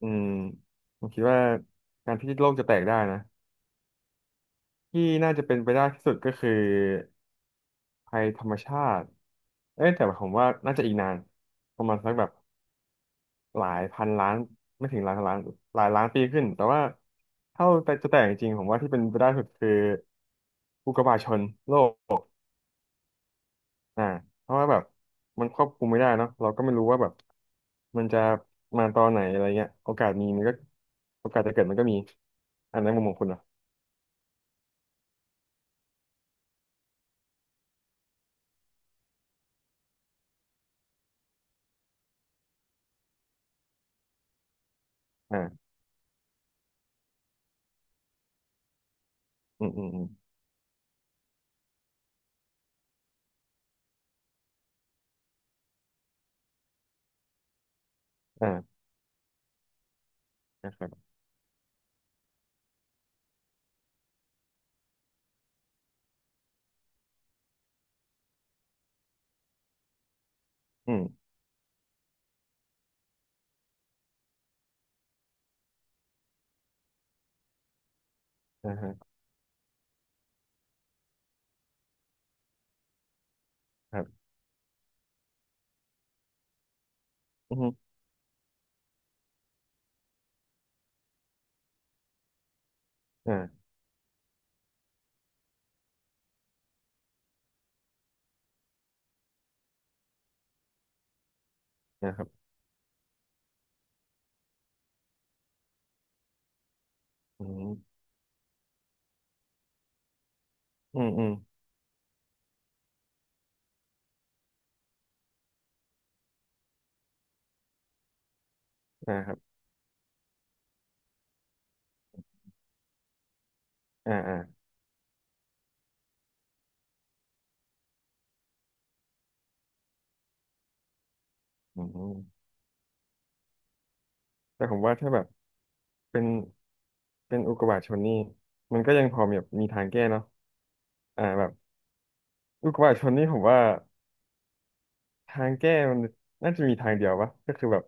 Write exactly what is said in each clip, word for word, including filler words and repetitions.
อืมผมคิดว่าการที่โลกจะแตกได้นะที่น่าจะเป็นไปได้ที่สุดก็คือภัยธรรมชาติเอ้ยแต่ผมว่าน่าจะอีกนานประมาณสักแบบหลายพันล้านไม่ถึงหลายพันล้านหลายล้านปีขึ้นแต่ว่าถ้าแต่จะแตกจริงๆผมว่าที่เป็นไปได้สุดคืออุกกาบาตชนโลกอ่าเพราะว่าแบบมันควบคุมไม่ได้เนอะเราก็ไม่รู้ว่าแบบมันจะมาตอนไหนอะไรเงี้ยโอกาสมีมันก็โอกาสจะเกิดมันก็มีอันนั้นมุมมองคุณนะ อ่าอืมอืมอืมอ่านะครับอืมอ่าฮะครับอืมอ่านะครับอืมอืมอืมอ่าครับอ่าอ่าอืมแต่ผมว่าถ้าแบบเป็นเป็นอุกกาบาตชนนี่มันก็ยังพอมีแบบมีทางแก้เนาะอ่าแบบอุกกาบาตชนนี่ผมว่าทางแก้มันน่าจะมีทางเดียววะก็คือแบบ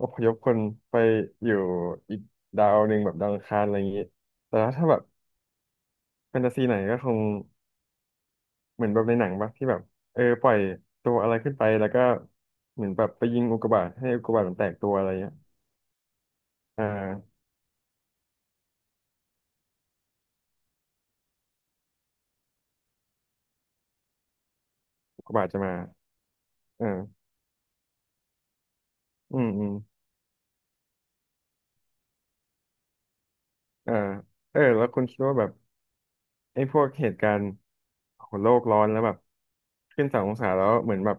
อพยพคนไปอยู่อีกดาวหนึ่งแบบดาวอังคารอะไรอย่างงี้แต่ว่าถ้าแบบแฟนตาซีไหนก็คง เหมือนแบบในหนังปะที่แบบเออปล่อยตัวอะไรขึ้นไปแล้วก็เหมือนแบบไปยิงอุกกาบาตให้อุกกาบาตมันแตกตัวอะไรเงี้ยอ่าอุกกาบาตจะมาเอออืมอืมเออเออแล้วคุณคิดว่าแบบไอ้พวกเหตุการณ์ของโลกร้อนแล้วแบบขึ้นสององศาแล้วเหมือนแบบ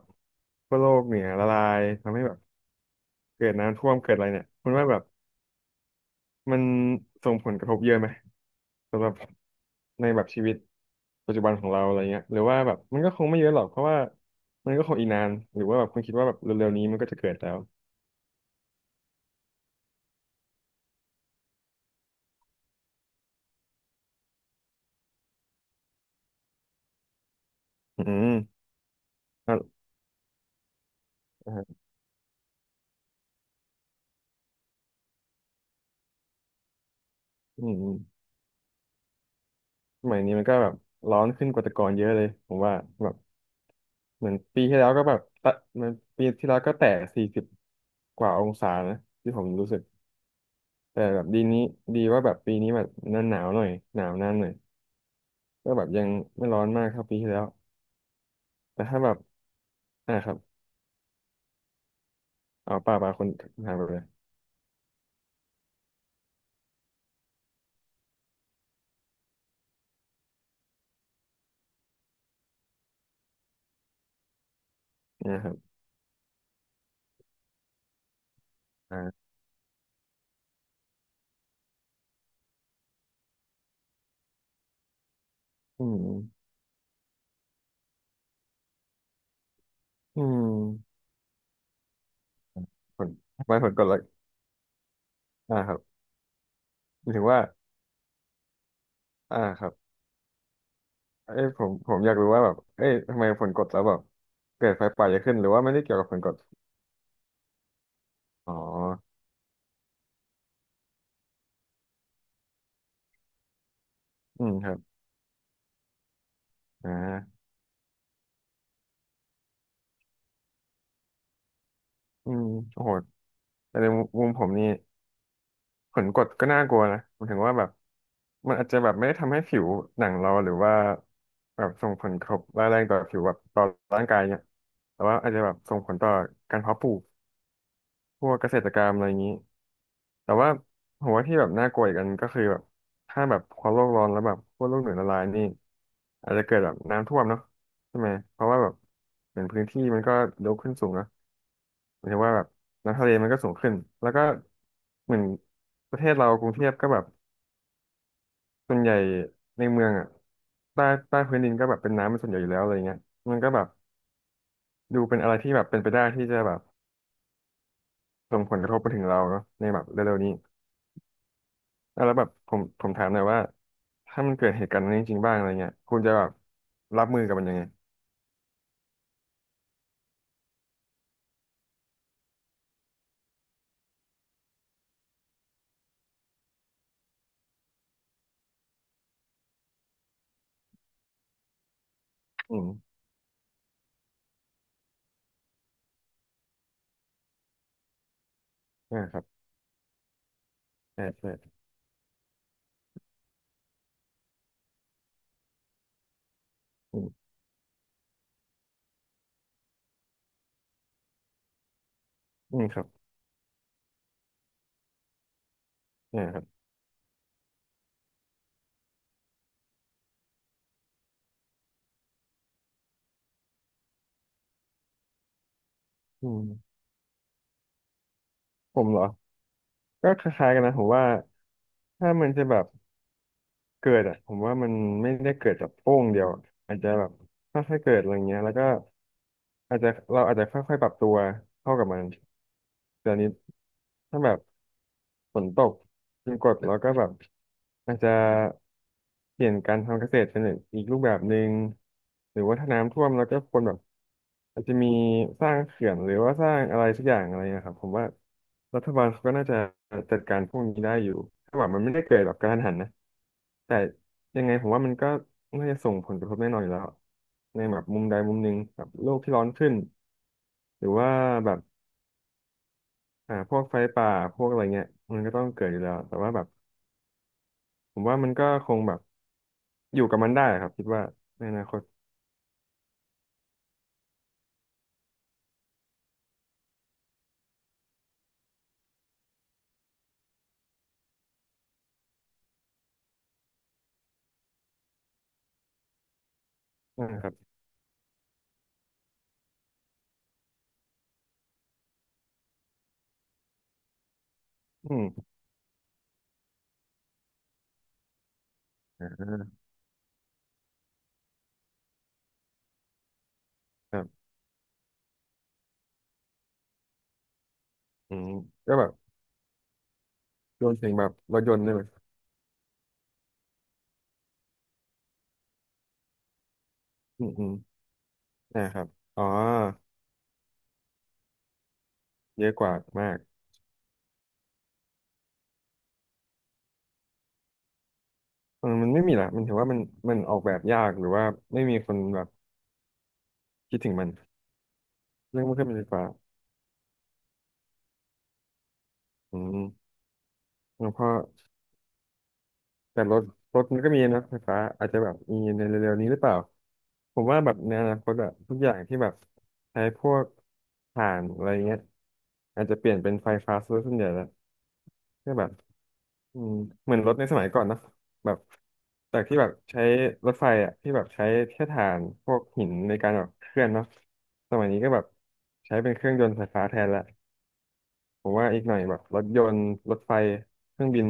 พวกโลกเนี่ยละลายทำให้แบบเกิดน้ำท่วมเกิดอะไรเนี่ยคุณว่าแบบมันส่งผลกระทบเยอะไหมสำหรับในแบบชีวิต ปัจจุบันของเราอะไรเงี้ยหรือว่าแบบมันก็คงไม่เยอะหรอกเพราะว่ามันก็คงอีกนานหรือว่าแบบคุณคิดว่าแบบเร็วๆนี้มันก็จะเกิดแล้วอืมอ่ะอ่ะอืมสมัยนี้มันก็แบบร้อนขึ้นกว่าแต่ก่อนเยอะเลยผมว่าแบบเหมือนปีที่แล้วก็แบบตะมันปีที่แล้วก็แตะสี่สิบกว่าองศานะที่ผมรู้สึกแต่แบบดีนี้ดีว่าแบบปีนี้แบบหน้าหนาวหน่อยหนาวนานหน่อยก็แบบยังไม่ร้อนมากเท่าปีที่แล้วแต่ถ้าแบบอ่าครับเอาป่าป่าคนถามไปเลยนะครับอ่าอืมอืม ผลทำไมผลกดแล้วอ่าครับหมายถึงว่าอ่าครับเอ้ยผมผมอยากรู้ว่าแบบเอ้ยทำไมผลกดแล้วแบบเกิดไฟป่าเยอะขึ้นหรือว่าไม่ได้เกี่ยวกับผลกดอ๋ออืมครับอ่าอืมโอ้โหแต่ในมุมผมนี่ผลกดก็น่ากลัวนะหมายถึงว่าแบบมันอาจจะแบบไม่ได้ทำให้ผิวหนังเราหรือว่าแบบส่งผลกระทบร้ายแรงต่อผิวแบบต่อร่างกายเนี่ยแต่ว่าอาจจะแบบส่งผลต่อการเพาะปลูกพวกเกษตรกรรมอะไรอย่างนี้ แต่ว่าผมว่าที่แบบน่ากลัวอีกอันก็คือแบบถ้าแบบความโลกร้อนแล้วแบบขั้วโลกเหนือละลายนี่อาจจะเกิดแบบน้ำท่วมเนาะใช่ไหมเพราะว่าแบบเหมือนพื้นที่มันก็ยกขึ้นสูงเนอะหมายถึงว่าแบบน้ำทะเลมันก็สูงขึ้นแล้วก็เหมือนประเทศเรากรุงเทพก็แบบส่วนใหญ่ในเมืองอ่ะใต้ใต้พื้นดินก็แบบเป็นน้ำเป็นส่วนใหญ่อยู่แล้วอะไรเงี้ยมันก็แบบดูเป็นอะไรที่แบบเป็นไปได้ที่จะแบบส่งผลกระทบไปถึงเราเนาะในแบบเร็วๆนี้ อ่ะแล้วแบบผมผมถามหน่อยว่าถ้ามันเกิดเหตุการณ์นั้นจริงๆบ้างอะไรเงี้ยคุณจะแบบรับมือกับมันยังไงอืมนี่าครับใช่ใช่อืมอืมครับนี่าครับอืมผมเหรอก็คล้ายๆกันนะผมว่าถ้ามันจะแบบเกิดอ่ะผมว่ามันไม่ได้เกิดจากโป้งเดียวอะอาจจะแบบค่อยๆเกิดอะไรเงี้ยแล้วก็อาจจะเราอาจจะค่อยๆปรับตัวเข้ากับมันแต่อันนี้ถ้าแบบฝนตกจึงกดแล้วก็แบบอาจจะ เปลี่ยนการทำเกษตรเป็นอีกรูปแบบหนึ่งหรือว่าถ้าน้ำท่วมเราก็ควรแบบอาจจะมีสร้างเขื่อนหรือว่าสร้างอะไรสักอย่างอะไรนะครับผมว่ารัฐบาลเขาก็น่าจะจัดการพวกนี้ได้อยู่ถ้าแบบมันไม่ได้เกิดแบบกระทันหันนะแต่ยังไงผมว่ามันก็น่าจะส่งผลกระทบแน่นอนอยู่แล้วในแบบมุมใดมุมหนึ่งแบบโลกที่ร้อนขึ้นหรือว่าแบบอ่าพวกไฟป่าพวกอะไรเงี้ยมันก็ต้องเกิดอยู่แล้วแต่ว่าแบบผมว่ามันก็คงแบบอยู่กับมันได้ครับคิดว่าในอนาคต อ่าครับอืมอ่าครับอืมก็แบบรวมถึงแบบรถยนต์ด้วยไหมอืมอืมอ่าครับอ๋อเยอะกว่ามากเออมันไม่มีละมันถือว่ามันมันออกแบบยากหรือว่าไม่มีคนแบบคิดถึงมันเรื่องเครื่องบินไฟฟ้าอืมแล้วพอแต่รถรถมันก็มีนะไฟฟ้าอาจจะแบบมีในเร็วๆนี้หรือเปล่า ผมว่าแบบในอนาคตอะทุกอย่างที่แบบใช้พวกถ่านอะไรเงี้ยอาจจะเปลี่ยนเป็นไฟฟ้าซะส่วนใหญ่แล้วก็แบบ อืมเหมือนรถในสมัยก่อนเนอะแบบจากที่แบบใช้รถไฟอ่ะที่แบบใช้แค่ถ่านพวกหินในการแบบเคลื่อนเนาะสมัยนี้ก็แบบใช้เป็นเครื่องยนต์ไฟฟ้าแทนละผมว่าอีกหน่อยแบบรถยนต์รถไฟเครื่องบิน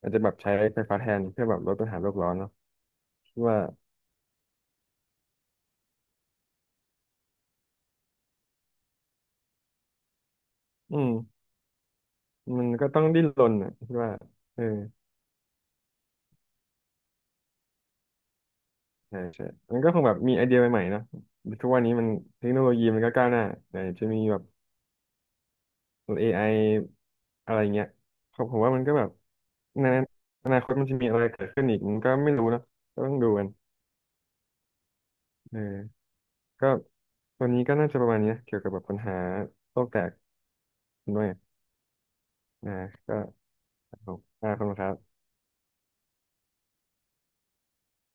อาจจะแบบใช้ไฟฟ้าแทนเพื่อแบบลดปัญหาโลกร้อนเนาะคิดว่าอืมมันก็ต้องดิ้นรนอ่ะคิดว่าเออใช่ใช่มันก็คงแบบมีไอเดียใหม่ๆเนาะทุกวันนี้มันเทคโนโลยีมันก็ก้าวหน้าไหนจะมีแบบ เอ ไอ อไออะไรเงี้ยครับผมว่ามันก็แบบ ในอนาคตมันจะมีอะไรเกิดขึ้นอีกมันก็ไม่รู้เนอะก็ต้องดูกันเออก็วันนี้ก็น่าจะประมาณนี้นะเกี่ยวกับแบบปัญหาโลกแตกด้วยนะก็รบอ่าขอบคุณครับ